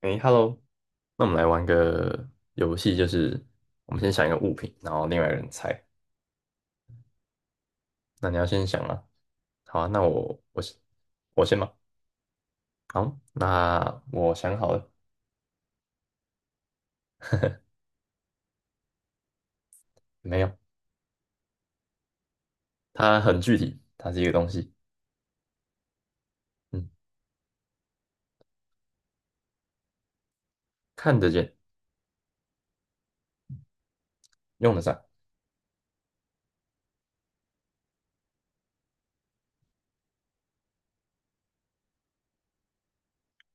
诶 hello 那我们来玩个游戏，就是我们先想一个物品，然后另外一个人猜。那你要先想啊，好啊，那我我先吧。好，那我想好了，没有，它很具体，它是一个东西，嗯，看得见，用得上，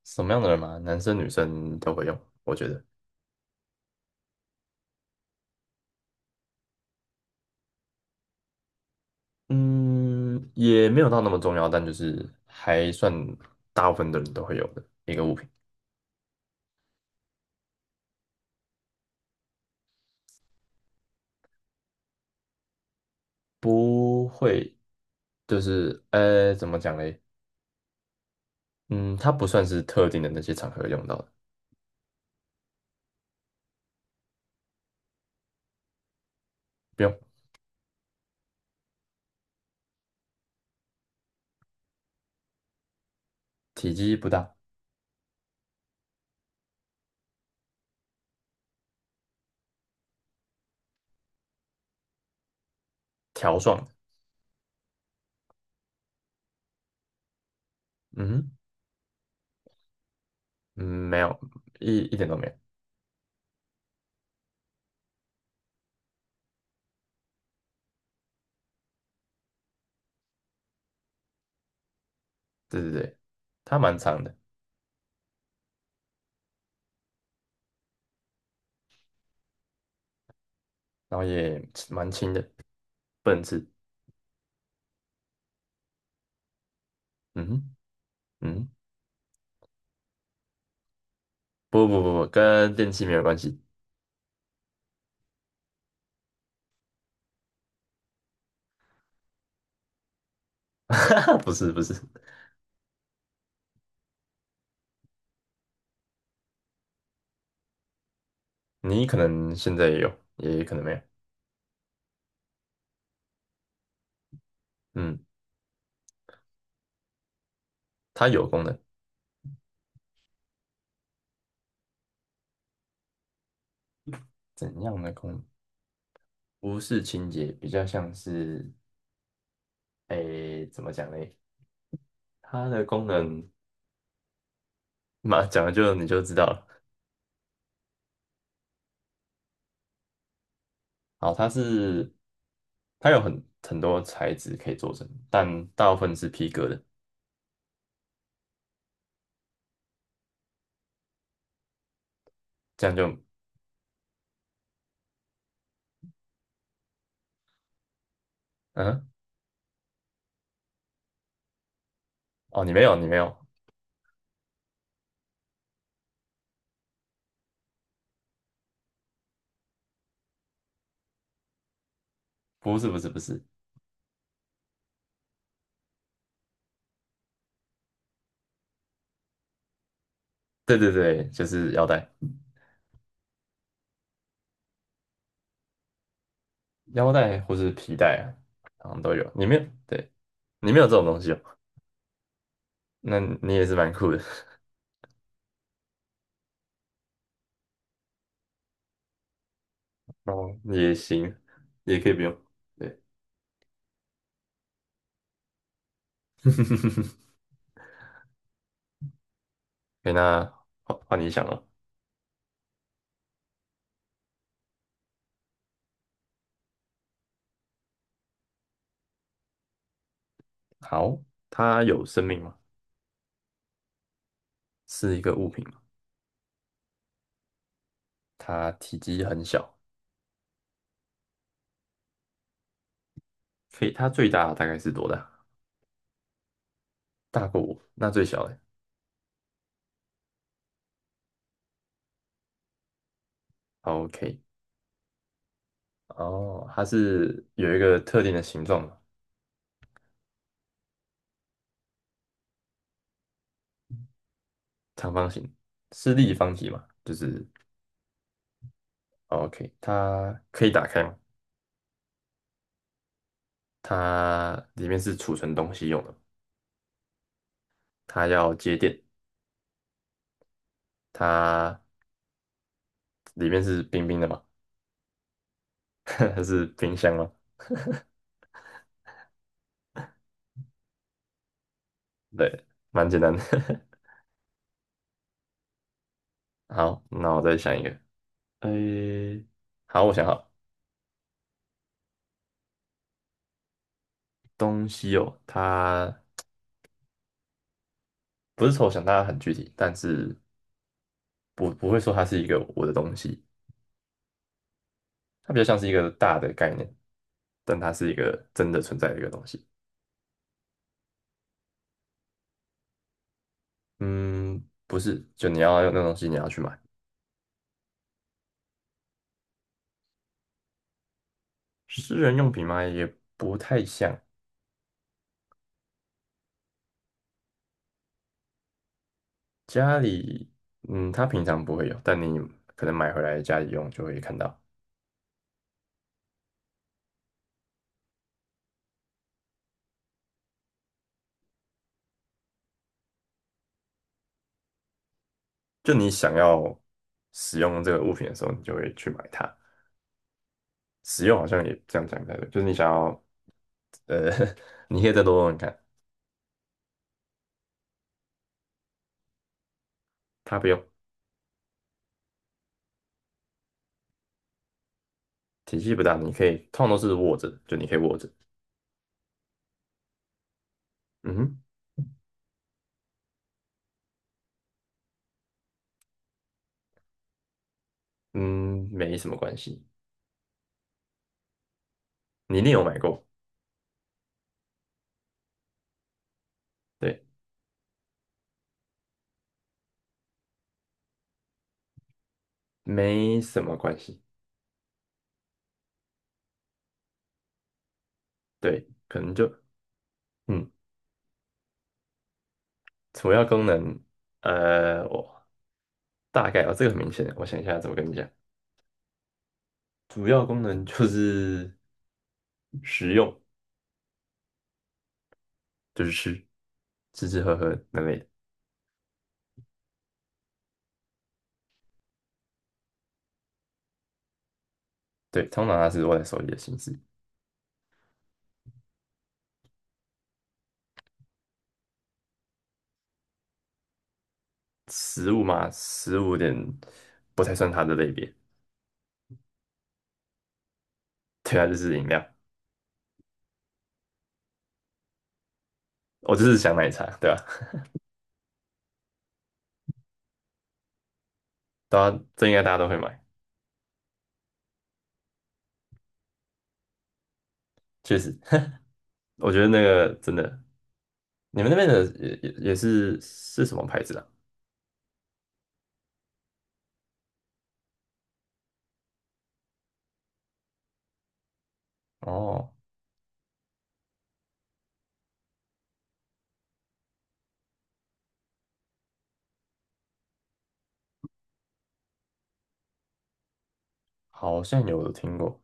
什么样的人嘛，男生女生都会用，我觉得，嗯，也没有到那么重要，但就是还算大部分的人都会有的一个物品，不会，就是呃，怎么讲嘞？嗯，它不算是特定的那些场合用到的，不用，体积不大，条状的，嗯哼嗯，没有，一点都没有，对对对，它蛮长的，然后也蛮轻的，不能吃，嗯哼嗯，不不不不，跟电器没有关系，不是不是，你可能现在也有，也可能没有，嗯，它有功能，怎样的功能？不是清洁，比较像是，诶，怎么讲嘞？它的功能嘛，讲了就你就知道了。好，它是它有很多材质可以做成，但大部分是皮革的。这样就嗯哦，你没有你没有，不是不是不是，对对对，就是腰带、腰带或是皮带啊，好像都有。你没有对，你没有这种东西哦，那你也是蛮酷的 哦，也行，也可以不用。对，可那换换你想哦。好，它有生命吗？是一个物品吗？它体积很小，可以，它最大大概是多大？大过我，那最小的。好，OK。哦，它是有一个特定的形状嘛，长方形，是立方体嘛？就是哦 OK,它可以打开吗？它里面是储存东西用的它要接电，它里面是冰冰的嘛？它是冰箱吗？对，蛮简单的。好，那我再想一个。诶，好，我想好东西哦，它不是抽象，它很具体，但是不会说它是一个我的东西。它比较像是一个大的概念，但它是一个真的存在的一个东西。嗯，不是，就你要用那东西，你要去买。私人用品嘛，也不太像家里，嗯，它平常不会有，但你可能买回来家里用就会看到。就你想要使用这个物品的时候，你就会去买它。使用好像也这样讲才对，就是你想要，呃，你可以再多用用看，它不用，体积不大，你可以通常都是握着，就你可以握着，嗯哼，嗯，没什么关系。你一定有买过，对，没什么关系，对，可能就嗯，主要功能，我大概哦，这个很明显，我想一下怎么跟你讲，主要功能就是食用，就是吃，吃吃喝喝那类的，对，通常它是握在手里的形式，食物嘛，食物有点不太算它的类别，对啊，就是饮料，我就是想奶茶，对吧、啊？大家这应该大家都会买，确实，我觉得那个真的。你们那边的也是什么牌子的？哦，好像有听过。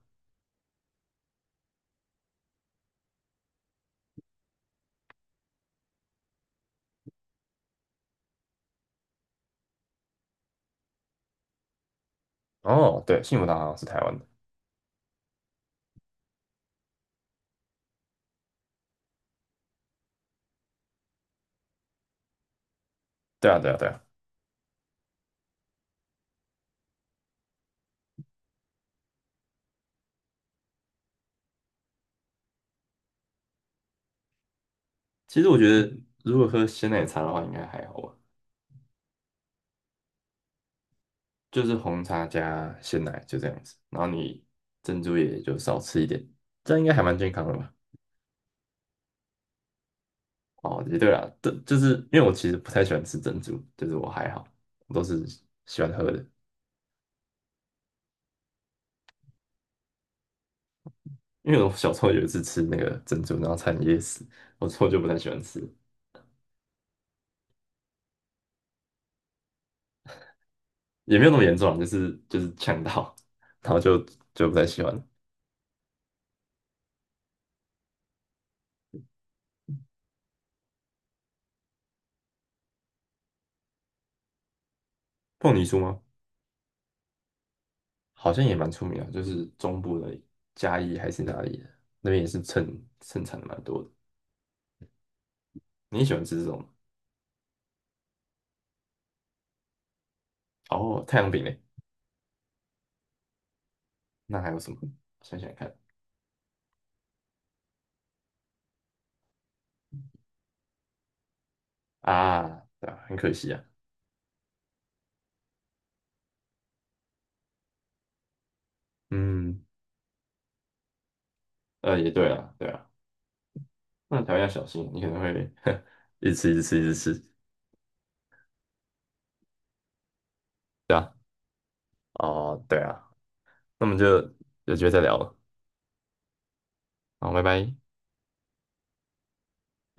哦，对，幸福堂好像是台湾的。对啊，对啊，对啊。其实我觉得，如果喝鲜奶茶的话，应该还好吧，就是红茶加鲜奶就这样子，然后你珍珠也就少吃一点，这样应该还蛮健康的吧？哦，也对啦，对，就是因为我其实不太喜欢吃珍珠，就是我还好，我都是喜欢喝的。因为我小时候有一次吃那个珍珠，然后差点噎死，我之后就不太喜欢吃。也没有那么严重啊，就是就是呛到，然后就就凤梨酥吗？好像也蛮出名啊，就是中部的嘉义还是哪里的那边也是盛产的蛮多的。你喜欢吃这种吗哦，太阳饼嘞，那还有什么？想想看啊，对啊，很可惜啊。嗯，也对啊，对啊，那条要小心，你可能会 一直吃一直吃一直吃，对啊，哦，对啊，那我们就有机会再聊了，好，拜拜。